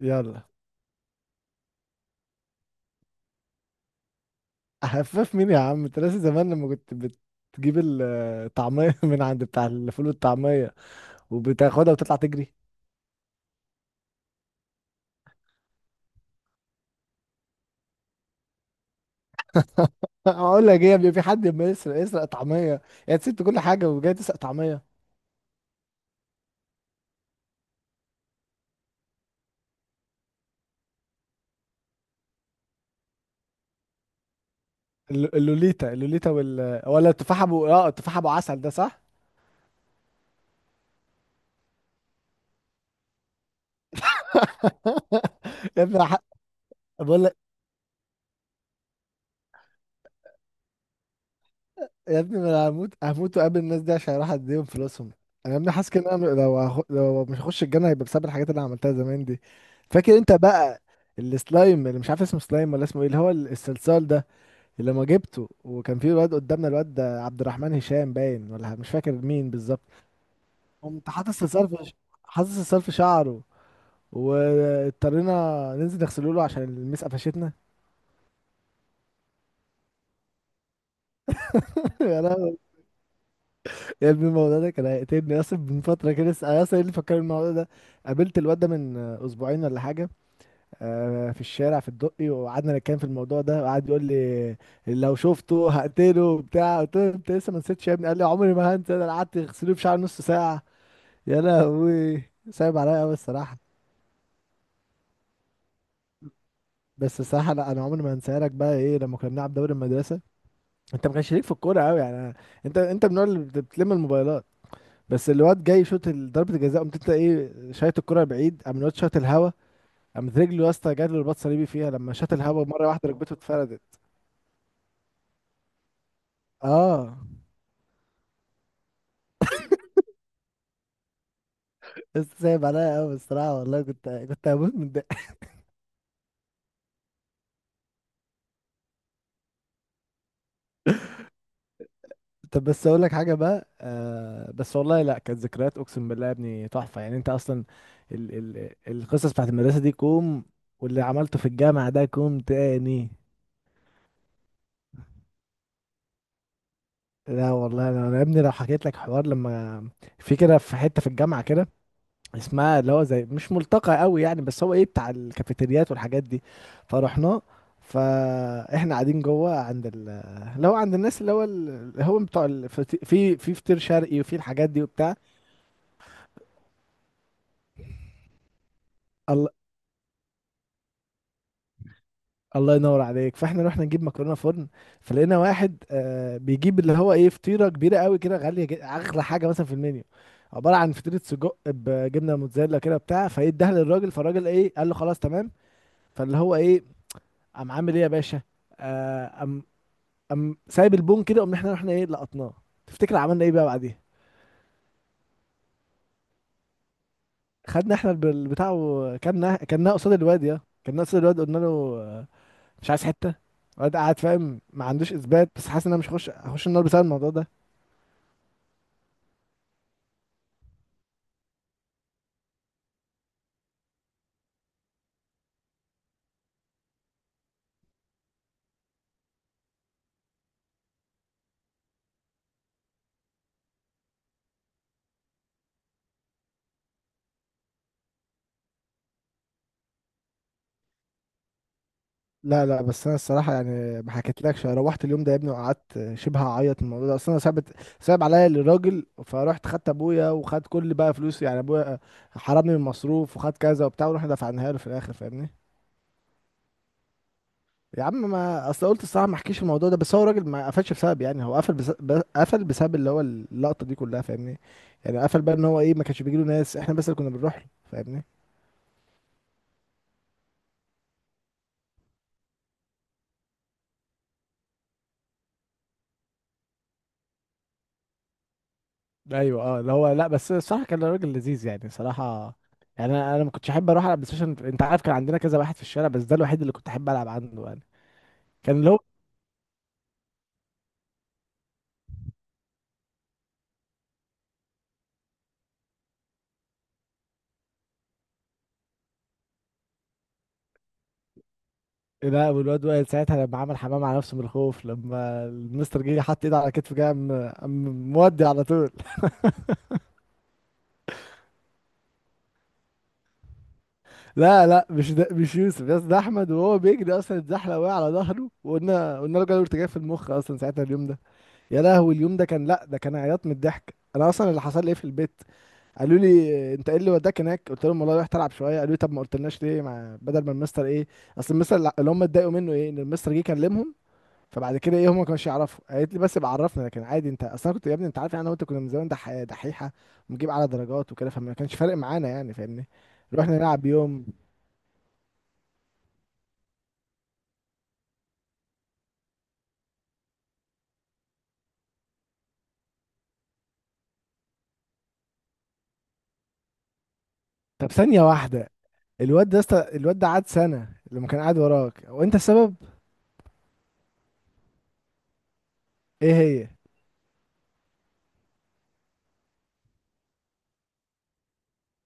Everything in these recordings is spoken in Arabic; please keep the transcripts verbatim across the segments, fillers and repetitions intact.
يلا. خفاف مين يا عم؟ انت ناسي زمان لما كنت بتجيب الطعمية من عند بتاع الفول والطعمية وبتاخدها وتطلع تجري؟ اقول لك ايه يا؟ في حد ما يسرق يسرق طعمية؟ يا سبت كل حاجة وجاي تسرق طعمية. الل- اللوليتا، اللوليتا وال ولا التفاحة ابو، اه التفاحة ابو عسل ده صح. يا ابني، بقول يا ابني، ما انا هموت هموت وقابل الناس دي عشان اروح اديهم فلوسهم. انا يا ابني حاسس كده إن انا لو هخ... لو مش هخش الجنه هيبقى بسبب الحاجات اللي انا عملتها زمان دي. فاكر انت بقى السلايم اللي مش عارف اسمه سلايم ولا اسمه ايه، اللي هو ال- الصلصال ده، اللي لما جبته وكان في واد قدامنا، الواد ده عبد الرحمن هشام باين، ولا مش فاكر مين بالظبط؟ قمت حاطط الصلصال في حاطط الصلصال في شعره، واضطرينا ننزل نغسله له عشان المسقه فشتنا. يا لهوي. يا ابني الموضوع ده كان هيقتلني يا اسطى من فترة كده لسه. يا اسطى، ايه اللي فكرني الموضوع ده؟ قابلت الواد ده من آه، اسبوعين ولا حاجة، آه، في الشارع في الدقي، وقعدنا نتكلم في الموضوع ده، وقعد يقول لي لو شفته هقتله وبتاع. قلت له انت لسه ما نسيتش يا ابني؟ قال لي عمري ما هنسى ده، انا قعدت اغسله في شعر نص ساعة. يا لهوي، صعب عليا قوي الصراحة. بس الصراحة لا، انا عمري ما هنساها لك بقى. ايه لما كنا بنلعب دوري المدرسة؟ انت ما كانش ليك في الكورة قوي يعني، انت انت من النوع اللي بت- بتلم الموبايلات. بس الواد جاي يشوط ال- ضربة الجزاء، قمت انت ايه، شايط الكرة بعيد، قام الواد شاط الهوا، قامت رجله يا اسطى، جات له رباط صليبي فيها، لما شاط الهوا مرة واحدة ركبته اتفردت. اه بس سايب عليا قوي الصراحه، والله كنت كنت هموت من الضحك. طب بس اقول لك حاجه بقى، آه بس والله، لا كانت ذكريات اقسم بالله يا ابني تحفه يعني. انت اصلا ال ال القصص بتاعت المدرسه دي كوم، واللي عملته في الجامعه ده كوم تاني. لا والله، انا أنا يا ابني لو حكيت لك حوار، لما في كده في حته في الجامعه كده، اسمها اللي هو زي مش ملتقى قوي يعني، بس هو ايه، بتاع الكافيتريات والحاجات دي، فرحنا، فاحنا قاعدين جوه عند ال... اللي هو عند الناس، اللي هو ال- اللي هو بتوع ال... فت- في في فطير شرقي وفي الحاجات دي وبتاع. الله، الله ينور عليك. فاحنا رحنا نجيب مكرونه فرن، فلقينا واحد آه بيجيب اللي هو ايه، فطيره كبيره قوي كده، غاليه جدا، اغلى حاجه مثلا في المنيو، عباره عن فطيره سجق بجبنه موتزاريلا كده بتاع، فايه، اداها للراجل، فالراجل ايه، قال له خلاص تمام. فاللي هو ايه، قام عامل ايه يا باشا، آه، قام قام سايب البون كده، قمنا احنا رحنا ايه، لقطناه. تفتكر عملنا ايه بقى بعديها؟ خدنا احنا الب- البتاع، وكلنا كلنا قصاد الواد يا، كلنا قصاد الواد، قلنا له آه، مش عايز حته؟ الواد قاعد فاهم ما عندوش اثبات، بس حاسس ان انا مش هخش هخش النار بسبب الموضوع ده. لا لا، بس انا الصراحه يعني ما حكيتلكش، أنا روحت اليوم ده يا ابني وقعدت شبه اعيط من الموضوع ده، اصل انا صعبت، صعب عليا الراجل، فروحت خدت ابويا، وخد كل بقى فلوسي يعني، ابويا حرمني من المصروف وخد كذا وبتاع، ورحنا دفعناها له في الاخر فاهمني. يا عم ما اصل قلت الصراحه ما احكيش الموضوع ده، بس هو راجل ما قفلش بسبب يعني، هو قفل بس... ب- قفل بسبب اللي هو اللقطه دي كلها فاهمني. يعني قفل بقى ان هو ايه، ما كانش بيجيله ناس، احنا بس اللي كنا بنروح له فاهمني. ايوه اه، اللي هو لا، بس الصراحه كان راجل لذيذ يعني صراحه. يعني انا انا ما كنتش احب اروح العب بلاي ستيشن، انت عارف كان عندنا كذا واحد في الشارع، بس ده الوحيد اللي كنت احب العب عنده يعني. كان اللي هو، لا، والواد وائل ساعتها لما عمل حمام على نفسه من الخوف، لما المستر جه حط ايده على كتفه جه، قام قام مودي على طول. لا لا، مش ده مش يوسف يا اسطى، ده احمد، وهو بيجري اصلا اتزحلق وقع على ظهره، وقلنا قلنا له جاله ارتجاع في المخ اصلا ساعتها اليوم ده. يا لهوي، اليوم ده كان لا، ده كان عياط من الضحك. انا اصلا اللي حصل لي ايه في البيت، قالوا لي انت ايه اللي وداك هناك؟ قلت لهم والله رحت العب شويه. قالوا لي طب ما قلتلناش ليه، مع بدل ما المستر ايه، اصل المستر اللي اللي هم اتضايقوا منه ايه، ان المستر جه كلمهم. فبعد كده ايه، هم ما كانوش يعرفوا، قالت لي بس بعرفنا، لكن عادي انت اصلا كنت يا ابني، انت عارف يعني انا وانت كنا من زمان دح- دحيحه، ونجيب على درجات وكده، فما كانش فارق معانا يعني فاهمني. رحنا نلعب يوم. طب ثانية واحدة، الواد ده است... الواد ده قعد سنة لما كان قاعد وراك وانت السبب. ايه هي؟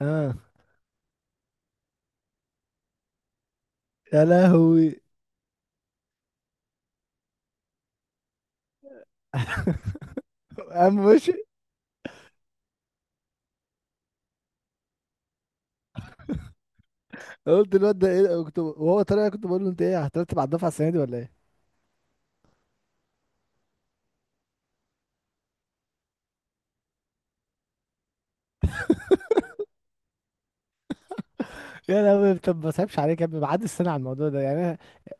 اه، يا لهوي، قام مشي. قلت الواد ده ايه، كنت وهو طالع كنت بقول له انت ايه، هترتب على الدفعة السنة دي ولا ايه؟ يا لهوي، طب ما سايبش عليك يا ابني بعد السنة على الموضوع ده يعني، أنا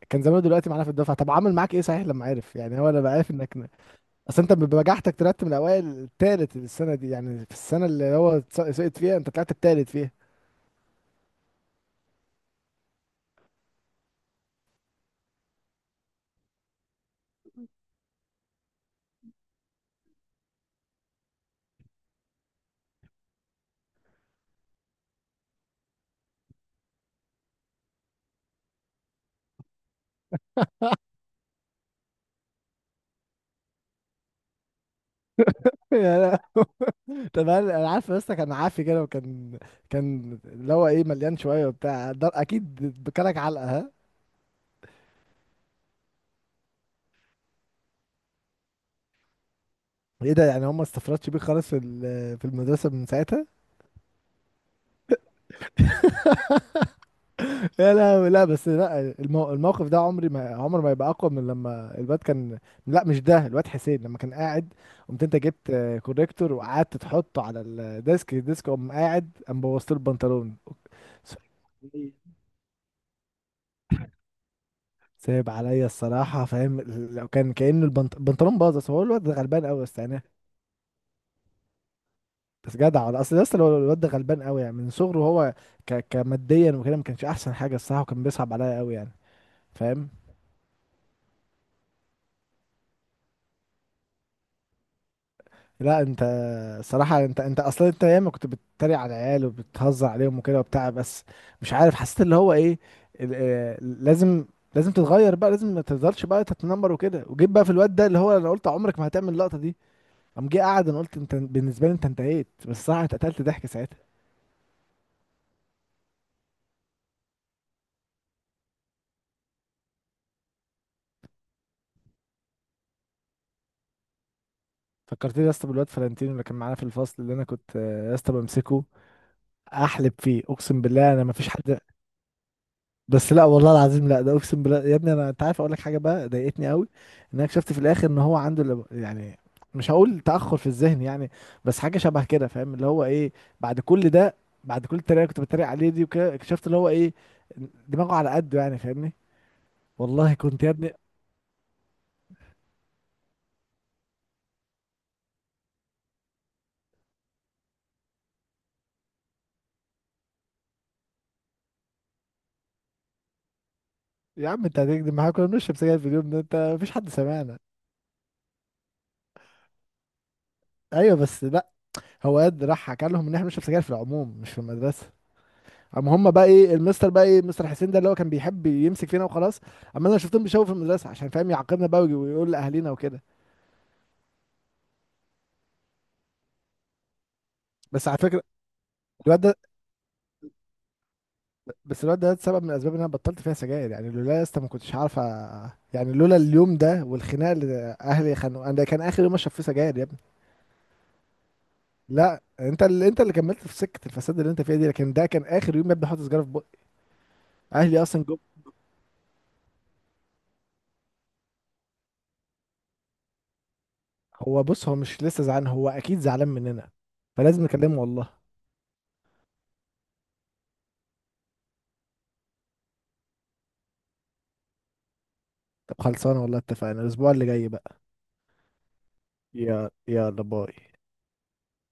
كان زمانه دلوقتي معانا في الدفعة. طب عمل معاك ايه صحيح لما عرف؟ يعني هو لما عرف انك ن- اصل انت بنجاحتك طلعت من الاوائل التالت السنة دي، يعني في السنة اللي هو اتس- سقط فيها انت طلعت التالت فيها. يا، طب انا، أنا عارف بس، كان عافي كده، وكان كان اللي هو ايه، مليان شويه وبتاع ده اكيد، بكلك علقه ها. ايه ده، يعني هم ما استفردش بيه خالص في ال- في المدرسه من ساعتها؟ لا لا لا بس لا، المو- الموقف ده عمري ما، عمر ما يبقى اقوى من لما الواد كان، لا مش ده، الواد حسين لما كان قاعد، قمت انت جبت آه، كوريكتور وقعدت تحطه على الديسك، الديسك قام قاعد قام بوظت له البنطلون. صعب عليا الصراحه فاهم، لو كان كأنه البنط- البنطلون باظ بس، هو الواد غلبان قوي بس يعني. بس جدع والله. اصل لسه الواد ده غلبان قوي يعني من صغره، هو ك... كماديا وكده ما كانش احسن حاجه الصراحه، وكان بيصعب عليا قوي يعني فاهم. لا انت الصراحه، انت انت اصلا انت ياما كنت بتتريق على العيال وبتهزر عليهم وكده وبتاع، بس مش عارف حسيت اللي هو ايه، ال... آه، لازم لازم تتغير بقى، لازم ما تفضلش بقى تتنمر وكده، وجيت بقى في الواد ده، اللي هو انا قلت عمرك ما هتعمل اللقطه دي، قام جه قعد، انا قلت انت بالنسبه لي انت انتهيت. بس صح اتقتلت ضحك ساعتها. فكرتني يا اسطى بالواد فلانتينو اللي كان معانا في الفصل، اللي انا كنت آه، يا اسطى بمسكه احلب فيه اقسم بالله، انا ما فيش حد. بس لا والله العظيم لا، ده اقسم بالله يا ابني، انا انت عارف، اقول لك حاجه بقى ضايقتني قوي، ان انا اكتشفت في الاخر ان هو عنده لب... يعني مش هقول تاخر في الذهن يعني، بس حاجه شبه كده فاهم، اللي هو ايه، بعد كل ده، بعد كل التريقه اللي كنت بتريق عليه دي وكده، اكتشفت اللي هو ايه، دماغه على قده يعني فاهمني، والله كنت يا ابني. يا عم انت هتكدب معايا؟ كنا بنشرب سجاير في اليوم ده، انت مفيش حد سمعنا. ايوه بس لا، هو قد راح حكى لهم ان احنا بنشرب سجاير في العموم مش في المدرسه. قام هم بقى ايه، المستر بقى ايه، مستر حسين ده اللي هو كان بيحب يمسك فينا وخلاص، اما انا شفتهم بيشاوروا في المدرسه عشان فاهم يعاقبنا بقى، ويجي- ويقول لاهالينا وكده. بس على فكره الواد ده، بس الواد ده سبب من الاسباب ان انا بطلت فيها سجاير، يعني لولا يا اسطى ما كنتش عارف أ- يعني لولا اليوم ده والخناقه اللي اهلي خانوا انا، ده كان اخر يوم اشرب فيه سجاير يا ابني. لا انت اللي، انت اللي كملت في سكه الفساد اللي انت فيها دي، لكن ده كان اخر يوم يا ابني حاطط سجاره في بقي، اهلي اصلا جم. هو بص، هو مش لسه زعلان، هو اكيد زعلان مننا، فلازم نكلمه والله. طب خلصانه والله، اتفقنا الاسبوع اللي جاي بقى. يا يلا باي.